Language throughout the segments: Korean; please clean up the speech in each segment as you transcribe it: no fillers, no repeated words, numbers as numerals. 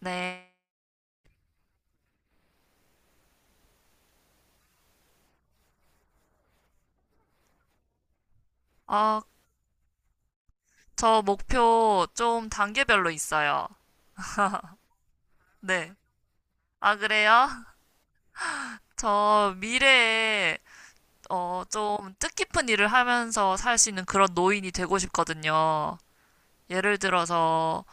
네. 아, 저 목표 좀 단계별로 있어요. 네. 아, 그래요? 저 미래에, 좀 뜻깊은 일을 하면서 살 수 있는 그런 노인이 되고 싶거든요. 예를 들어서,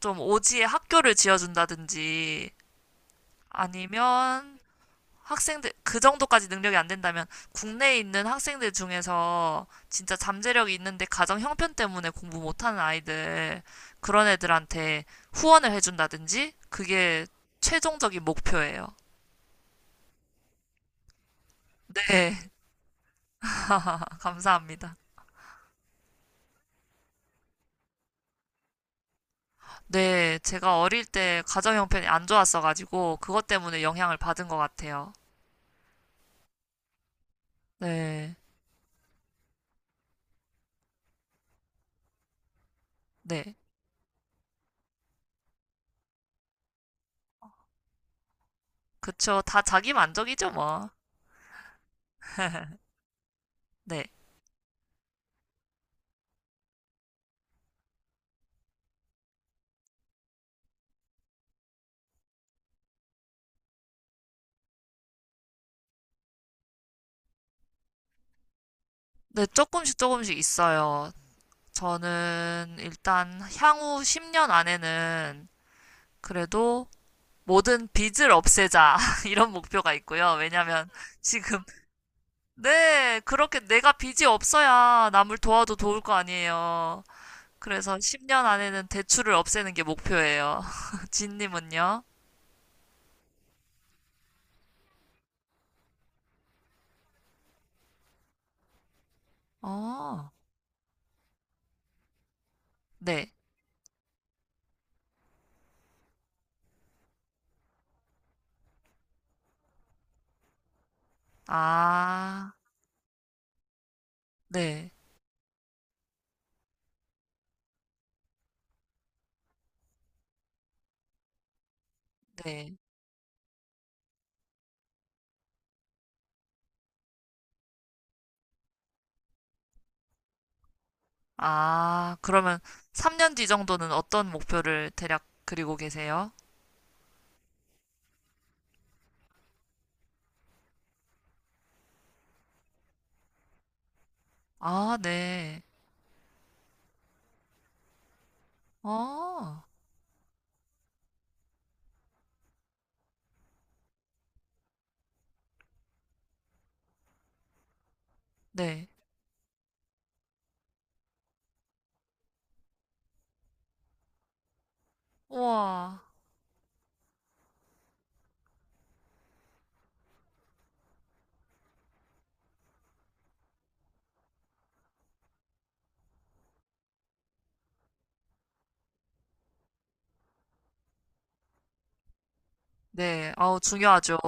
좀 오지에 학교를 지어준다든지, 아니면 학생들, 그 정도까지 능력이 안 된다면 국내에 있는 학생들 중에서 진짜 잠재력이 있는데 가정 형편 때문에 공부 못하는 아이들, 그런 애들한테 후원을 해준다든지, 그게 최종적인 목표예요. 네, 아, 감사합니다. 네, 제가 어릴 때 가정 형편이 안 좋았어가지고, 그것 때문에 영향을 받은 것 같아요. 네, 네. 그쵸. 다 자기 만족이죠, 뭐. 네. 네, 조금씩 조금씩 있어요. 저는 일단 향후 10년 안에는 그래도 모든 빚을 없애자 이런 목표가 있고요. 왜냐면 지금 네, 그렇게 내가 빚이 없어야 남을 도와도 도울 거 아니에요. 그래서 10년 안에는 대출을 없애는 게 목표예요. 진님은요? 어, 네. 아, 네, 네. 아, 그러면 3년 뒤 정도는 어떤 목표를 대략 그리고 계세요? 아, 네. 아, 네. 우와. 네. 아우, 중요하죠.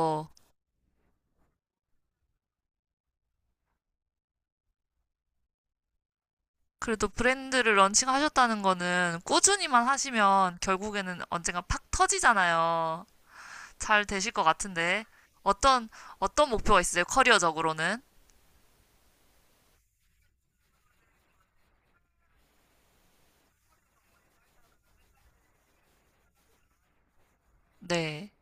그래도 브랜드를 런칭하셨다는 거는 꾸준히만 하시면 결국에는 언젠가 팍 터지잖아요. 잘 되실 것 같은데. 어떤, 어떤 목표가 있으세요? 커리어적으로는? 네.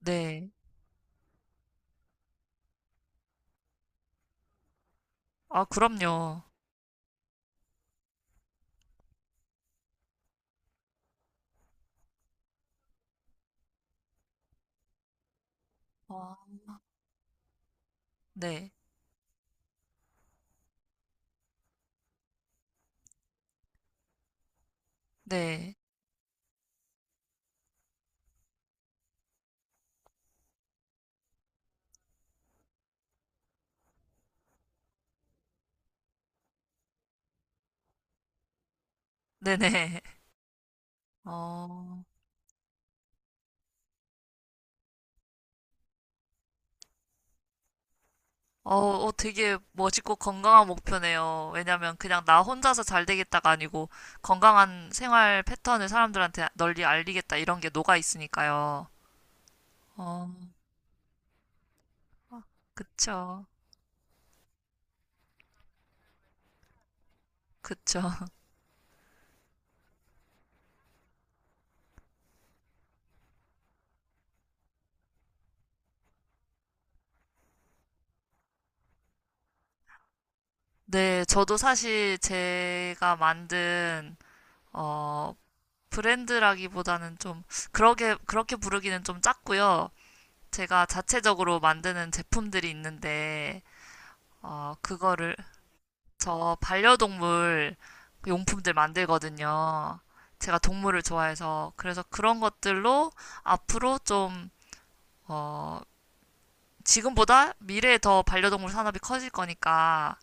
네. 아, 그럼요. 아, 네. 네. 네네. 어, 되게 멋있고 건강한 목표네요. 왜냐면 그냥 나 혼자서 잘 되겠다가 아니고 건강한 생활 패턴을 사람들한테 널리 알리겠다 이런 게 녹아 있으니까요. 어, 그쵸. 그쵸. 네, 저도 사실 제가 만든, 어, 브랜드라기보다는 좀, 그렇게 부르기는 좀 작고요. 제가 자체적으로 만드는 제품들이 있는데, 그거를 저 반려동물 그 용품들 만들거든요. 제가 동물을 좋아해서. 그래서 그런 것들로 앞으로 좀, 어, 지금보다 미래에 더 반려동물 산업이 커질 거니까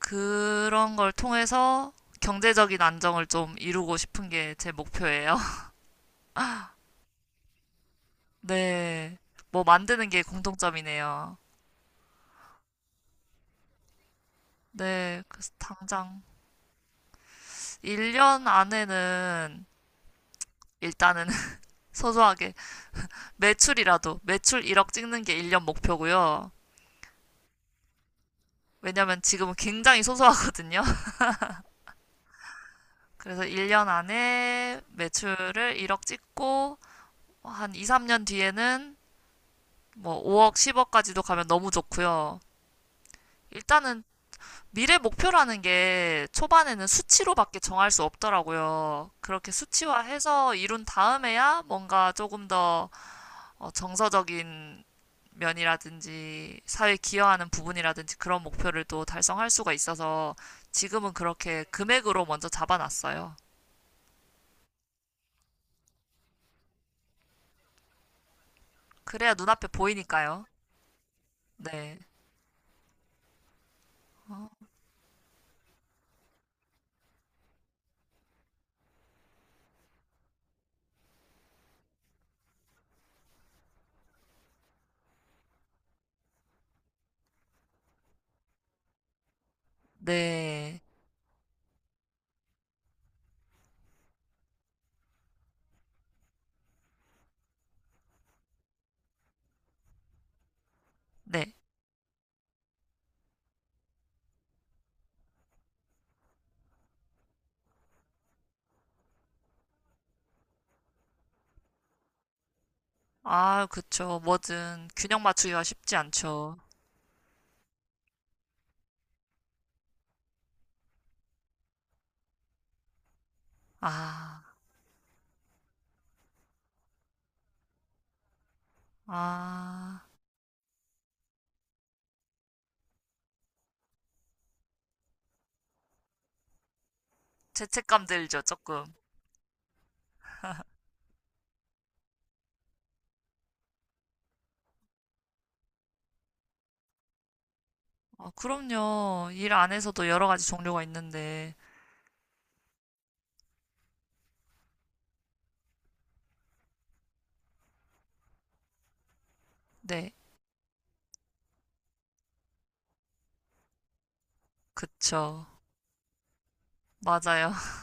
그런 걸 통해서 경제적인 안정을 좀 이루고 싶은 게 제 목표예요. 네. 뭐 만드는 게 공통점이네요. 네. 그래서 당장 1년 안에는 일단은 소소하게 매출이라도 매출 1억 찍는 게 1년 목표고요. 왜냐면 지금은 굉장히 소소하거든요. 그래서 1년 안에 매출을 1억 찍고 한 2, 3년 뒤에는 뭐 5억, 10억까지도 가면 너무 좋고요. 일단은 미래 목표라는 게 초반에는 수치로밖에 정할 수 없더라고요. 그렇게 수치화해서 이룬 다음에야 뭔가 조금 더 정서적인 면이라든지 사회에 기여하는 부분이라든지 그런 목표를 또 달성할 수가 있어서 지금은 그렇게 금액으로 먼저 잡아놨어요. 그래야 눈앞에 보이니까요. 네. 어, 네. 네. 아, 그쵸. 뭐든 균형 맞추기가 쉽지 않죠. 아, 아. 죄책감 들죠, 조금. 어, 그럼요. 일 안에서도 여러 가지 종류가 있는데. 네. 그쵸. 맞아요.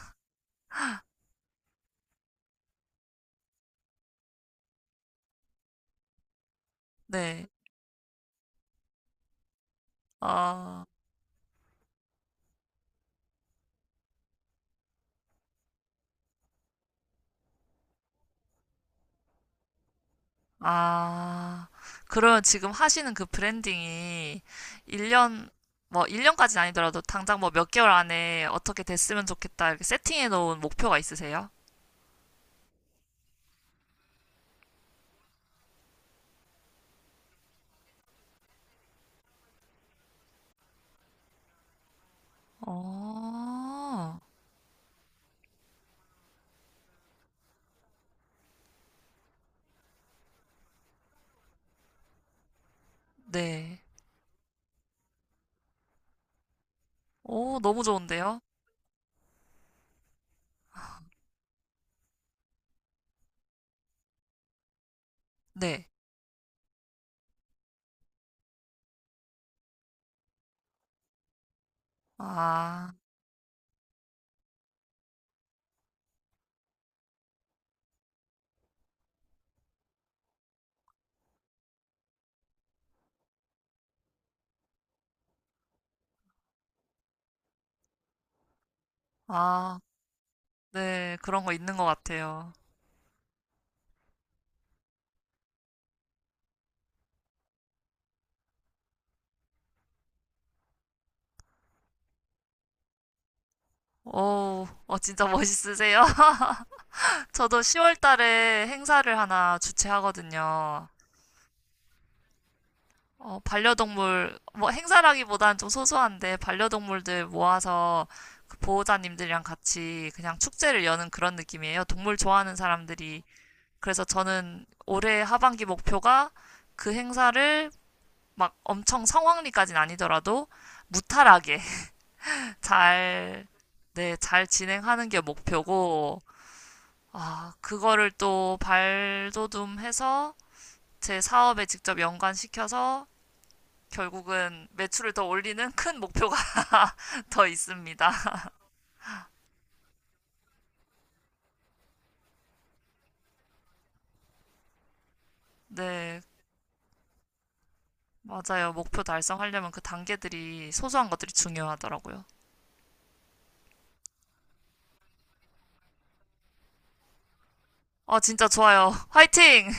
네. 아. 아, 그러면 지금 하시는 그 브랜딩이 1년, 뭐 1년까지는 아니더라도 당장 뭐 몇 개월 안에 어떻게 됐으면 좋겠다 이렇게 세팅해 놓은 목표가 있으세요? 어, 네. 오, 너무 좋은데요? 네. 아, 아, 네. 그런 거 있는 것 같아요. 오, 어, 진짜 멋있으세요? 저도 10월 달에 행사를 하나 주최하거든요. 어, 반려동물, 뭐 행사라기보다좀 소소한데, 반려동물들 모아서 그 보호자님들이랑 같이 그냥 축제를 여는 그런 느낌이에요. 동물 좋아하는 사람들이. 그래서 저는 올해 하반기 목표가 그 행사를 막 엄청 성황리까진 아니더라도 무탈하게 잘, 네, 잘 진행하는 게 목표고, 아, 그거를 또 발돋움해서 제 사업에 직접 연관시켜서 결국은 매출을 더 올리는 큰 목표가 더 있습니다. 네, 맞아요. 목표 달성하려면 그 단계들이 소소한 것들이 중요하더라고요. 아, 진짜 좋아요. 화이팅!